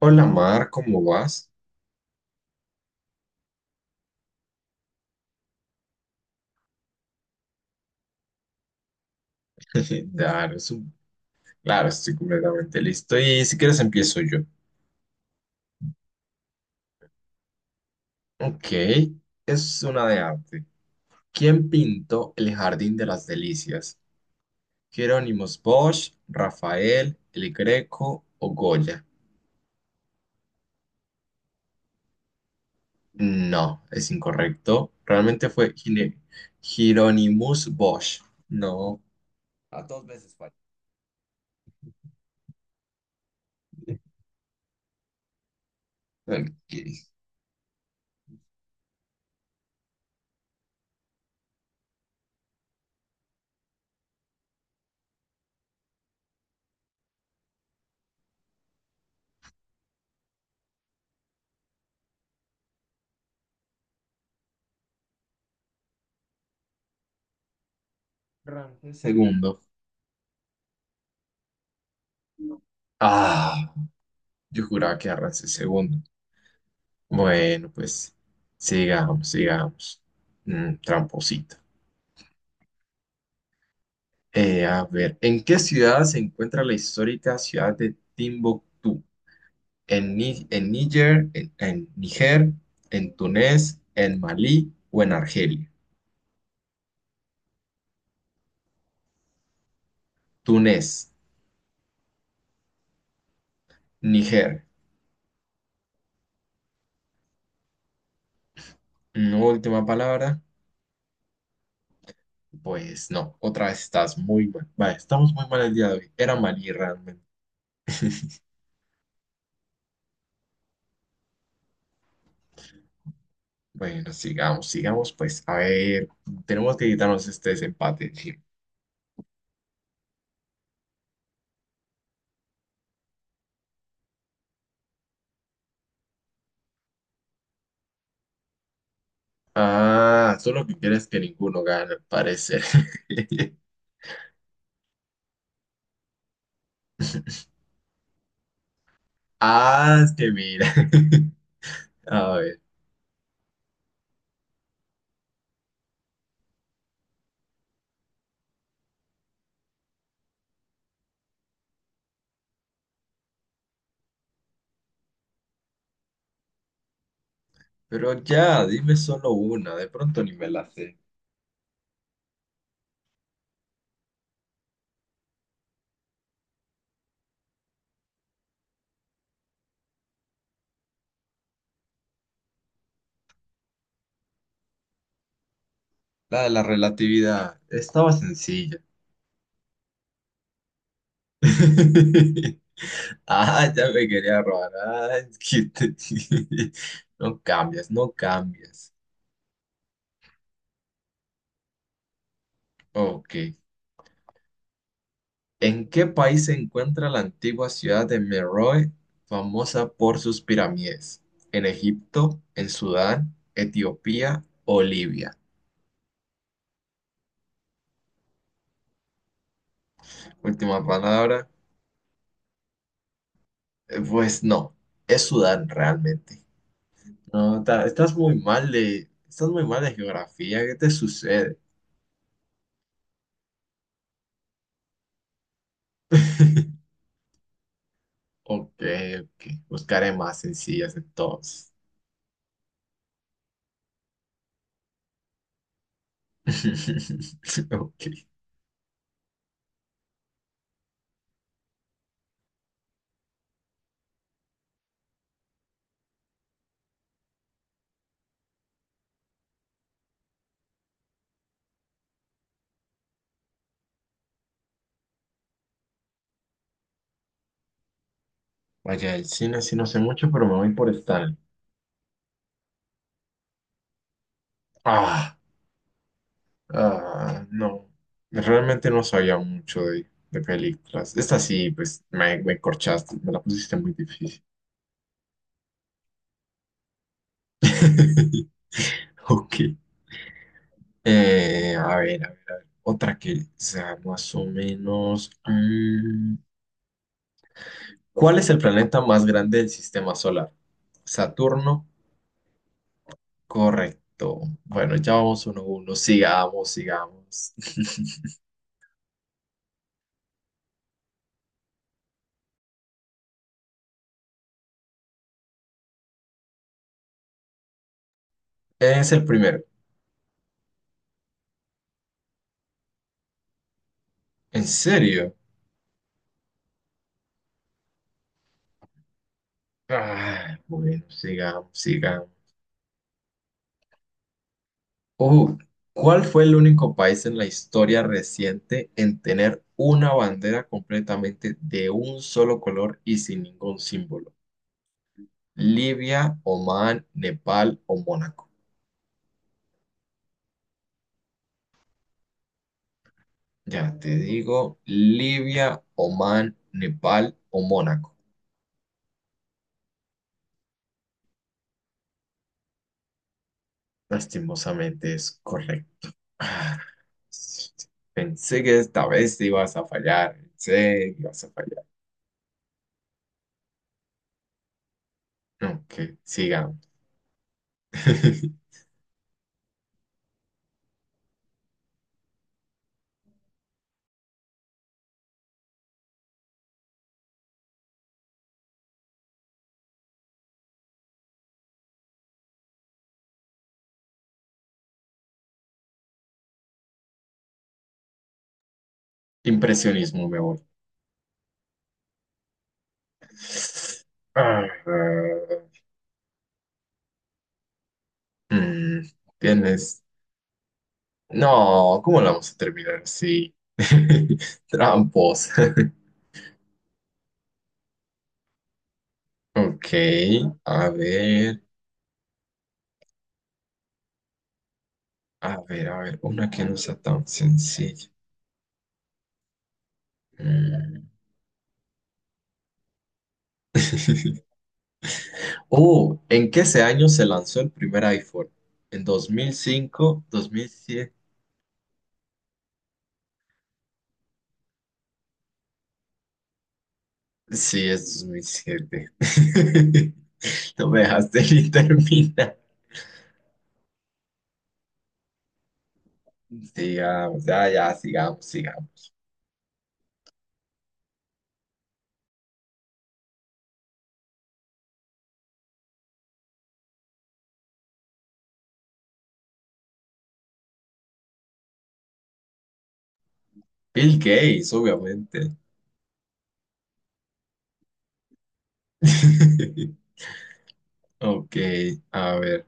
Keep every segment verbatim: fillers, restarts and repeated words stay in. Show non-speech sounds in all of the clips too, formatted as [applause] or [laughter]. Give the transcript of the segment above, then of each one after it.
Hola Mar, ¿cómo vas? [laughs] Claro, es un- claro, estoy completamente listo. Y si quieres empiezo yo. Ok, es una de arte. ¿Quién pintó el Jardín de las Delicias? ¿Jerónimos Bosch, Rafael, El Greco o Goya? No, es incorrecto. Realmente fue Gine- Hieronymus Bosch. No. A dos veces falla. Ok. Ramsés segundo. Ah, yo juraba que era Ramsés segundo. Bueno, pues sigamos, sigamos. Mm, tramposito. Eh, a ver, ¿en qué ciudad se encuentra la histórica ciudad de Timbuktu? ¿En, Ni- en Níger, en, en Níger, en Túnez, en Malí o en Argelia? Túnez, Níger. No, última palabra. Pues no, otra vez estás muy mal. Vale, estamos muy mal el día de hoy. Era Malí realmente. Bueno, sigamos, sigamos, pues. A ver, tenemos que quitarnos este desempate. Sí. Ah, solo que quieres que ninguno gane, al parecer. [laughs] Ah, es que mira. [laughs] A ver, pero ya, dime solo una, de pronto ni me la sé. La de la relatividad, estaba sencilla. [laughs] Ah, ya me quería robar. Ah, es que te- [laughs] No cambias, no cambias. Ok. ¿En qué país se encuentra la antigua ciudad de Meroe, famosa por sus pirámides? ¿En Egipto, en Sudán, Etiopía o Libia? Última palabra. Eh, Pues no, es Sudán realmente. No, ta- estás muy mal de, estás muy mal de geografía. ¿Qué te sucede? [laughs] Ok, ok. Buscaré más sencillas entonces. [laughs] Ok. Vaya, el cine sí no sé mucho, pero me voy por Stanley. Ah. Ah, no, realmente no sabía mucho de, de películas. Esta sí, pues me, me corchaste, me la pusiste muy difícil. [laughs] Ok. Eh, a ver, a ver, a ver. Otra que sea más o menos. mm, ¿cuál es el planeta más grande del sistema solar? Saturno, correcto. Bueno, ya vamos uno a uno. Sigamos, sigamos. [laughs] Es el primero. ¿En serio? Ah, bueno, sigamos, sigamos. Ojo, ¿cuál fue el único país en la historia reciente en tener una bandera completamente de un solo color y sin ningún símbolo? ¿Libia, Omán, Nepal o Mónaco? Ya te digo, Libia, Omán, Nepal o Mónaco. Lastimosamente es correcto. Ah, pensé que esta vez te ibas a fallar. Pensé que ibas a fallar. Ok, sigamos. [laughs] Impresionismo, me voy. Ah, mm, tienes. No, ¿cómo la vamos a terminar? Sí. [laughs] Trampos. [laughs] Ok, a ver, a ver, a ver, una que no sea tan sencilla. Mm. Oh, ¿en qué ese año se lanzó el primer iPhone? ¿En dos dos mil cinco, dos mil siete. Sí, es dos mil siete. [laughs] No me dejaste [laughs] ni terminar. Sigamos, ya, ya, sigamos, sigamos. Bill Gates, obviamente. [laughs] Ok, a ver.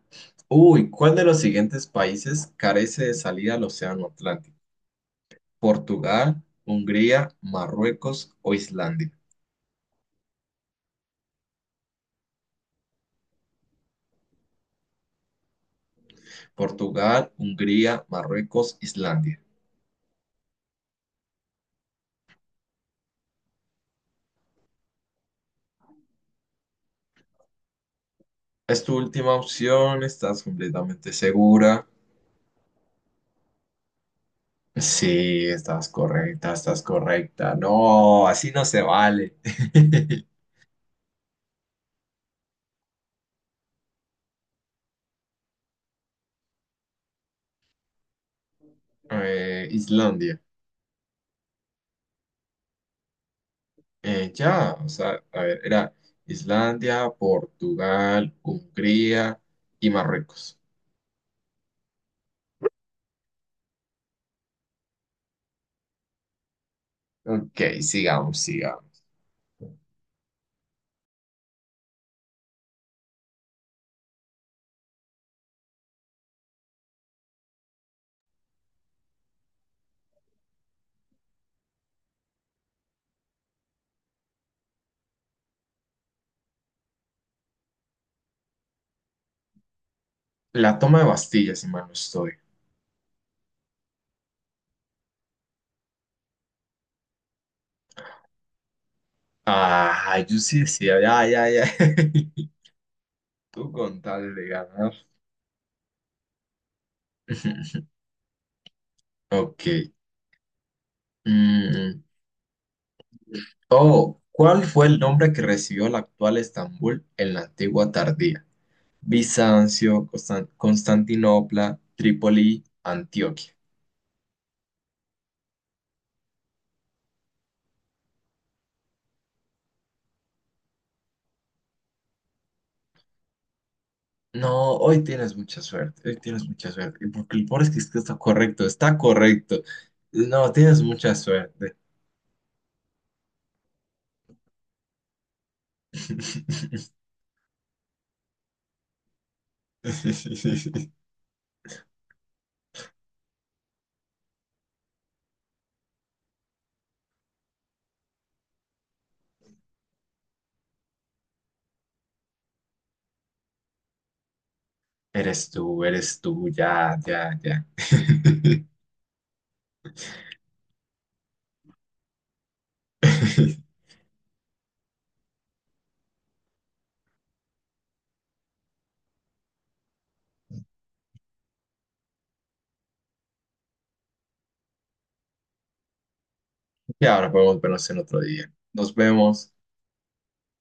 Uy, ¿cuál de los siguientes países carece de salida al Océano Atlántico? ¿Portugal, Hungría, Marruecos o Islandia? Portugal, Hungría, Marruecos, Islandia. ¿Es tu última opción? ¿Estás completamente segura? Sí, estás correcta, estás correcta. No, así no se vale. [laughs] Eh, Islandia. Eh, ya, o sea, a ver, era Islandia, Portugal, Hungría y Marruecos. Ok, sigamos, sigamos. La toma de Bastilla, si mal no estoy. Ah, yo sí decía, ya, ya, ya. [laughs] Tú con tal de ganar. [laughs] Ok. Mm, Oh, ¿cuál fue el nombre que recibió la actual Estambul en la antigua Tardía? Bizancio, Constan- Constantinopla, Trípoli, Antioquia. No, hoy tienes mucha suerte, hoy tienes mucha suerte. Y porque el pobre es que es que está correcto, está correcto. No, tienes mucha suerte. [laughs] Eres tú, eres tú, ya, ya, ya. [laughs] Y ahora podemos vernos en otro día. Nos vemos.